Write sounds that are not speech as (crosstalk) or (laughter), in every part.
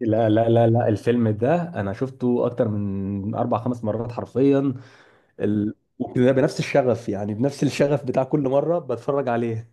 لا لا لا لا، الفيلم ده انا شفته اكتر من اربع خمس مرات حرفيا. وكده بنفس الشغف، يعني بنفس الشغف بتاع كل مره بتفرج عليه.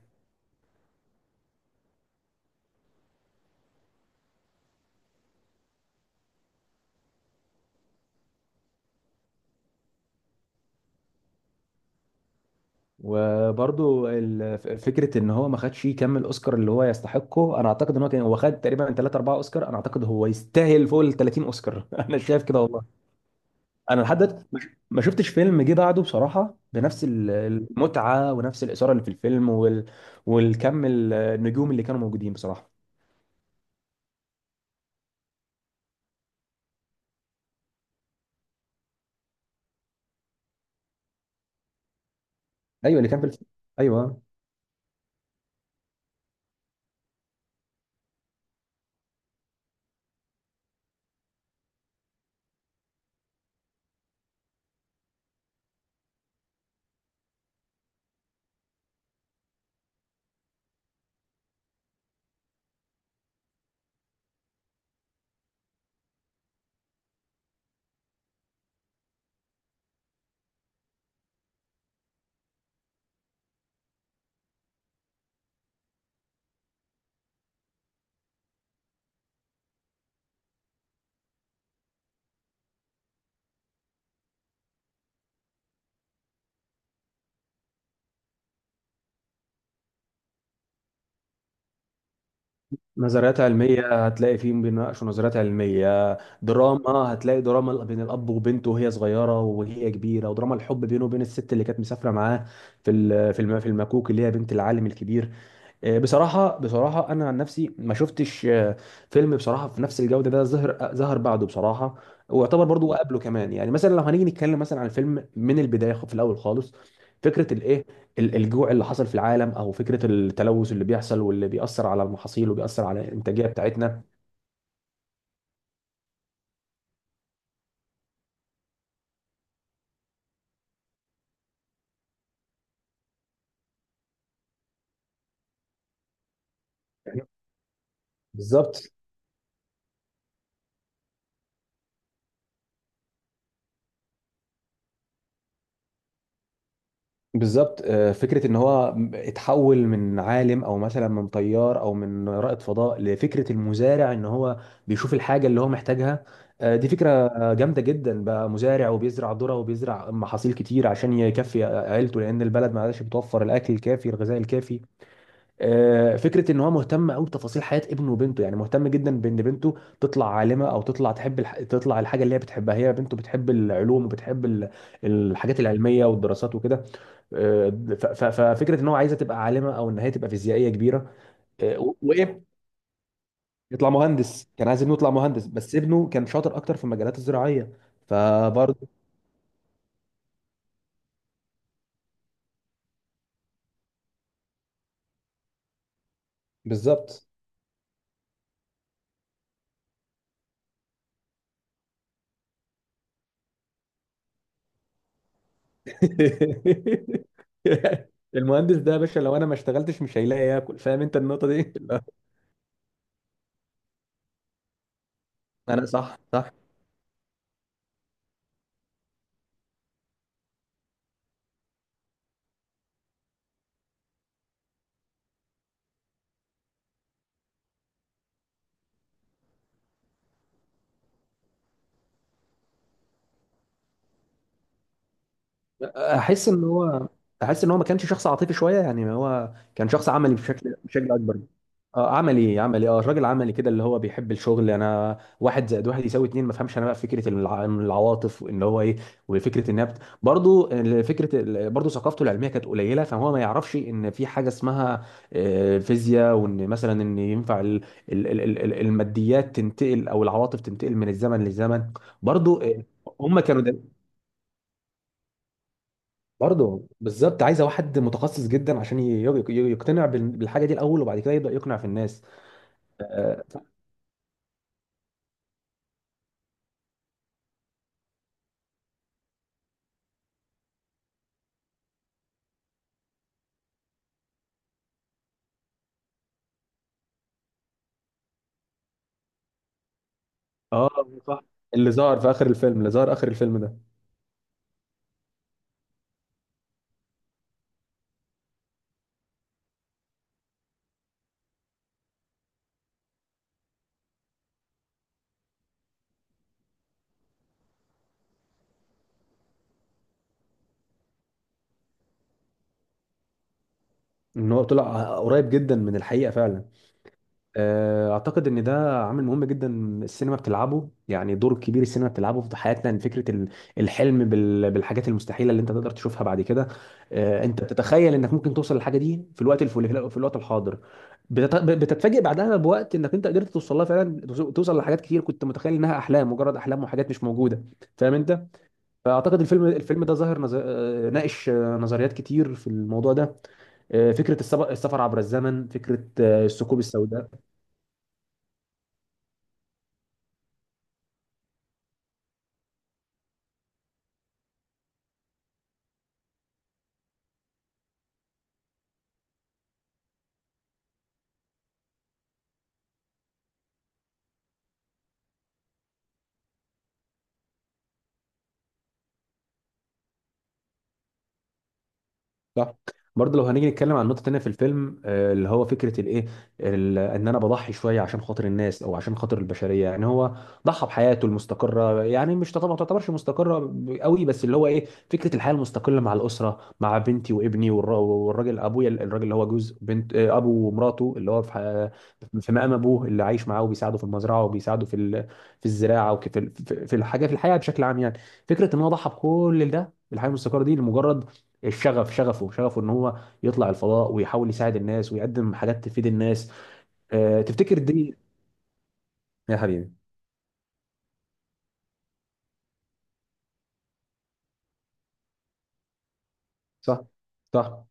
وبرضو فكره ان هو ما خدش كم الاوسكار اللي هو يستحقه. انا اعتقد ان هو هو خد تقريبا 3 4 اوسكار، انا اعتقد هو يستاهل فوق ال 30 اوسكار (laughs) انا شايف كده والله. انا لحد دلوقتي ما شفتش فيلم جه بعده بصراحه بنفس المتعه ونفس الاثاره اللي في الفيلم والكم النجوم اللي كانوا موجودين بصراحه. ايوه اللي كان في الفيلم. ايوه، نظريات علميه هتلاقي فيهم بيناقشوا نظريات علميه، دراما هتلاقي دراما بين الاب وبنته وهي صغيره وهي كبيره، ودراما الحب بينه وبين الست اللي كانت مسافره معاه، في المكوك اللي هي بنت العالم الكبير. بصراحة بصراحة أنا عن نفسي ما شفتش فيلم بصراحة في نفس الجودة ده ظهر، ظهر بعده بصراحة. ويعتبر برضو قبله كمان، يعني مثلا لو هنيجي نتكلم مثلا عن الفيلم من البداية، في الأول خالص. فكرة الإيه، الجوع اللي حصل في العالم، أو فكرة التلوث اللي بيحصل واللي بيأثر على المحاصيل وبيأثر على الإنتاجية بتاعتنا. بالظبط بالظبط. فكرة ان هو اتحول من عالم، او مثلا من طيار او من رائد فضاء، لفكرة المزارع. ان هو بيشوف الحاجة اللي هو محتاجها. دي فكرة جامدة جدا. بقى مزارع وبيزرع ذرة وبيزرع محاصيل كتير عشان يكفي عيلته، لان البلد ما عادش بتوفر الاكل الكافي، الغذاء الكافي. فكره ان هو مهتم قوي بتفاصيل حياه ابنه وبنته، يعني مهتم جدا بان بنته تطلع عالمه، او تطلع تحب تطلع الحاجه اللي هي بتحبها. هي بنته بتحب العلوم وبتحب الحاجات العلميه والدراسات وكده. آه، ففكره ان هو عايزه تبقى عالمه، او ان هي تبقى فيزيائيه كبيره. وايه، يطلع مهندس. كان عايز ابنه يطلع مهندس، بس ابنه كان شاطر اكتر في المجالات الزراعيه. فبرضه بالظبط. (laughs) المهندس ده يا باشا لو انا ما اشتغلتش مش هيلاقي ياكل، فاهم انت النقطه دي؟ (laughs) انا صح صح. احس ان هو احس ان هو ما كانش شخص عاطفي شويه، يعني هو كان شخص عملي بشكل اكبر. اه عملي عملي، اه راجل عملي كده، اللي هو بيحب الشغل، انا واحد زائد واحد يساوي اتنين. ما فهمش انا بقى فكره العواطف ان هو ايه، وفكره النبت. برضو فكره برضو ثقافته العلميه كانت قليله، فهو ما يعرفش ان في حاجه اسمها فيزياء، وان مثلا ان ينفع الماديات تنتقل او العواطف تنتقل من الزمن للزمن. برضو هم كانوا برضه بالظبط عايزه واحد متخصص جدا عشان يقتنع بالحاجه دي الاول، وبعد كده يبدا يقنع في الناس. اه آه، صح. اللي ظهر في اخر الفيلم، اللي ظهر اخر الفيلم ده. ان هو طلع قريب جدا من الحقيقه فعلا. اعتقد ان ده عامل مهم جدا السينما بتلعبه، يعني دور كبير السينما بتلعبه في حياتنا. ان فكره الحلم بالحاجات المستحيله اللي انت تقدر تشوفها بعد كده. انت بتتخيل انك ممكن توصل للحاجه دي في الوقت الحاضر. بتتفاجئ بعدها بوقت انك انت قدرت توصل لها فعلا، توصل لحاجات كتير كنت متخيل انها احلام، مجرد احلام وحاجات مش موجوده. فاهم انت؟ فاعتقد الفيلم ده ظاهر نظر... آه، ناقش نظريات كتير في الموضوع ده. فكره السفر عبر الزمن، فكره الثقوب السوداء. صح. برضه لو هنيجي نتكلم عن نقطة تانية في الفيلم، اللي هو فكرة الإيه، إن أنا بضحي شوية عشان خاطر الناس أو عشان خاطر البشرية. يعني هو ضحى بحياته المستقرة، يعني مش تعتبر ما تعتبرش مستقرة قوي، بس اللي هو إيه، فكرة الحياة المستقلة مع الأسرة، مع بنتي وابني والراجل أبويا، الراجل اللي هو جوز بنت أبو ومراته، اللي هو في مقام أبوه، اللي عايش معاه وبيساعده في المزرعة وبيساعده في الزراعة، وفي في في في الحياة بشكل عام يعني. فكرة إن هو ضحى بكل ده، الحياة المستقرة دي لمجرد الشغف، شغفه ان هو يطلع الفضاء ويحاول يساعد الناس ويقدم حاجات تفيد الناس. تفتكر دي. يا حبيبي صح صح.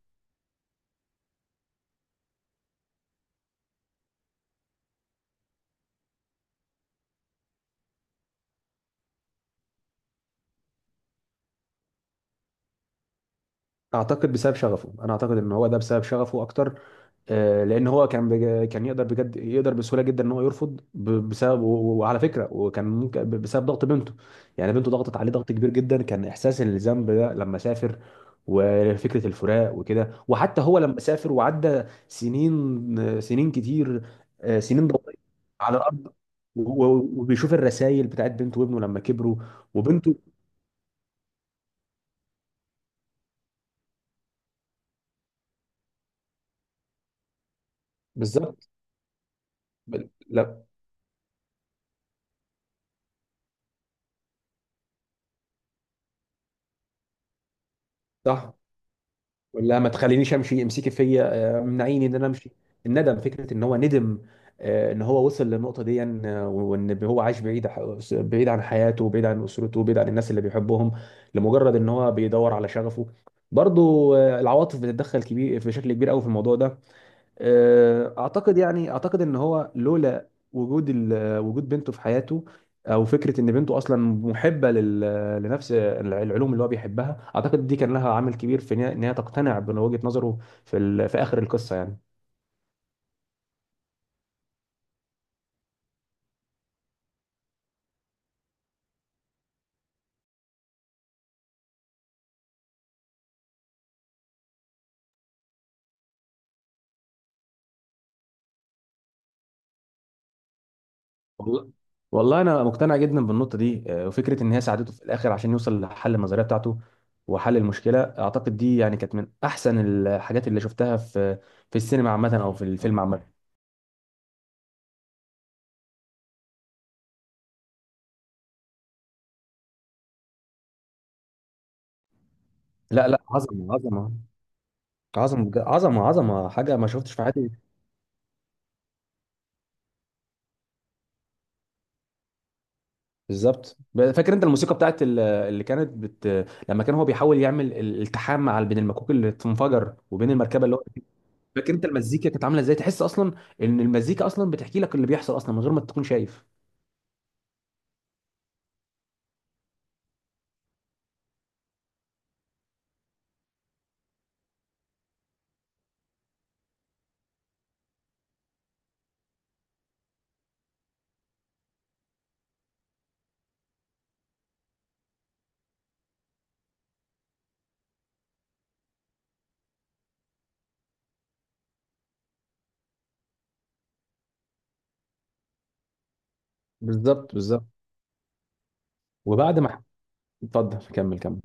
اعتقد بسبب شغفه، انا اعتقد ان هو ده بسبب شغفه اكتر. لان هو كان يقدر، بجد يقدر بسهوله جدا ان هو يرفض بسبب، وعلى فكره، وكان ممكن بسبب ضغط بنته، يعني بنته ضغطت عليه ضغط كبير جدا، كان احساس الذنب ده لما سافر، وفكره الفراق وكده. وحتى هو لما سافر وعدى سنين، سنين كتير، سنين ضوئيه على الارض، و... و- وبيشوف الرسائل بتاعت بنته وابنه لما كبروا، وبنته، بالظبط. لا، صح. ولا ما تخلينيش امشي، امسكي فيا، منعيني ان انا امشي. الندم، فكره ان هو ندم، ان هو وصل للنقطه دي، وان هو عايش بعيد، بعيد عن حياته، بعيد عن اسرته، بعيد عن الناس اللي بيحبهم، لمجرد ان هو بيدور على شغفه. برضو العواطف بتتدخل كبير في شكل كبير قوي في الموضوع ده. اعتقد ان هو لولا وجود وجود بنته في حياته، او فكره ان بنته اصلا محبه لنفس العلوم اللي هو بيحبها، اعتقد دي كان لها عامل كبير في إن هي تقتنع بوجهه نظره في اخر القصه يعني. والله، والله انا مقتنع جدا بالنقطه دي. وفكره ان هي ساعدته في الاخر عشان يوصل لحل النظريه بتاعته وحل المشكله. اعتقد دي يعني كانت من احسن الحاجات اللي شفتها في السينما عامه، او في الفيلم عامه. لا لا، عظمه عظمه، عظمة عظمة عظمة، حاجة ما شفتش في حياتي. بالظبط، فاكر انت الموسيقى بتاعت اللي كانت لما كان هو بيحاول يعمل الالتحام مع، بين المكوك اللي بتنفجر وبين المركبة اللي هو. فاكر انت المزيكا كانت عاملة ازاي؟ تحس اصلا ان المزيكا اصلا بتحكي لك اللي بيحصل اصلا من غير ما تكون شايف. بالظبط بالظبط. وبعد ما، اتفضل كمل كمل.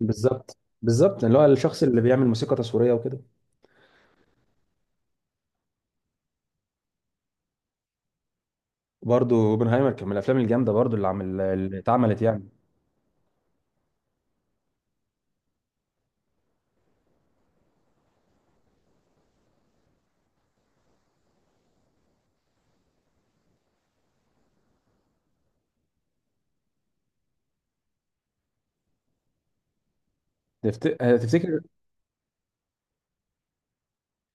بالظبط بالظبط، اللي هو الشخص اللي بيعمل موسيقى تصويرية وكده. برضه اوبنهايمر كان من الافلام الجامدة برضه اللي عمل، اللي اتعملت يعني. تفت... تفتكر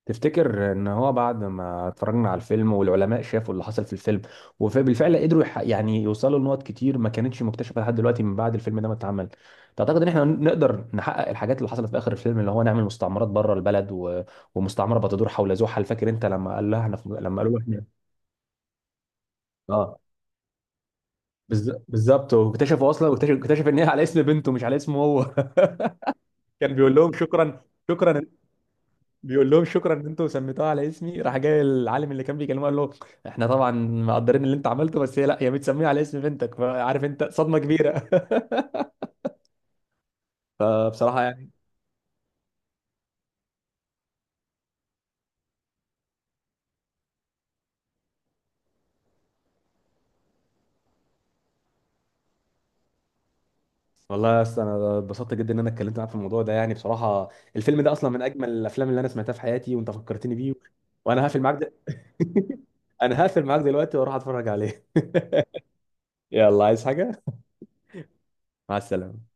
تفتكر ان هو بعد ما اتفرجنا على الفيلم والعلماء شافوا اللي حصل في الفيلم، وبالفعل قدروا يعني يوصلوا لنقط كتير ما كانتش مكتشفة لحد دلوقتي من بعد الفيلم ده ما اتعمل، تعتقد ان احنا نقدر نحقق الحاجات اللي حصلت في اخر الفيلم، اللي هو نعمل مستعمرات بره البلد ومستعمرة بتدور حول زحل؟ فاكر انت لما قالوا له احنا، اه، بالظبط. واكتشفوا اصلا، واكتشف ان هي على اسم بنته مش على اسمه هو. (laughs) كان بيقول لهم شكرا، شكرا، بيقول لهم شكرا ان انتوا سميتوها على اسمي، راح جاي العالم اللي كان بيكلمه قال له: احنا طبعا مقدرين اللي انت عملته، بس هي لا، هي متسميه على اسم بنتك. فعارف انت صدمه كبيره. (laughs) فبصراحه يعني. والله يا اسطى، انا اتبسطت جدا ان انا اتكلمت معاك في الموضوع ده يعني بصراحه. الفيلم ده اصلا من اجمل الافلام اللي انا سمعتها في حياتي، وانت فكرتني بيه. وانا هقفل معاك ده. (laughs) انا هقفل معاك دلوقتي واروح اتفرج عليه. (laughs) يلا عايز حاجه؟ مع السلامه.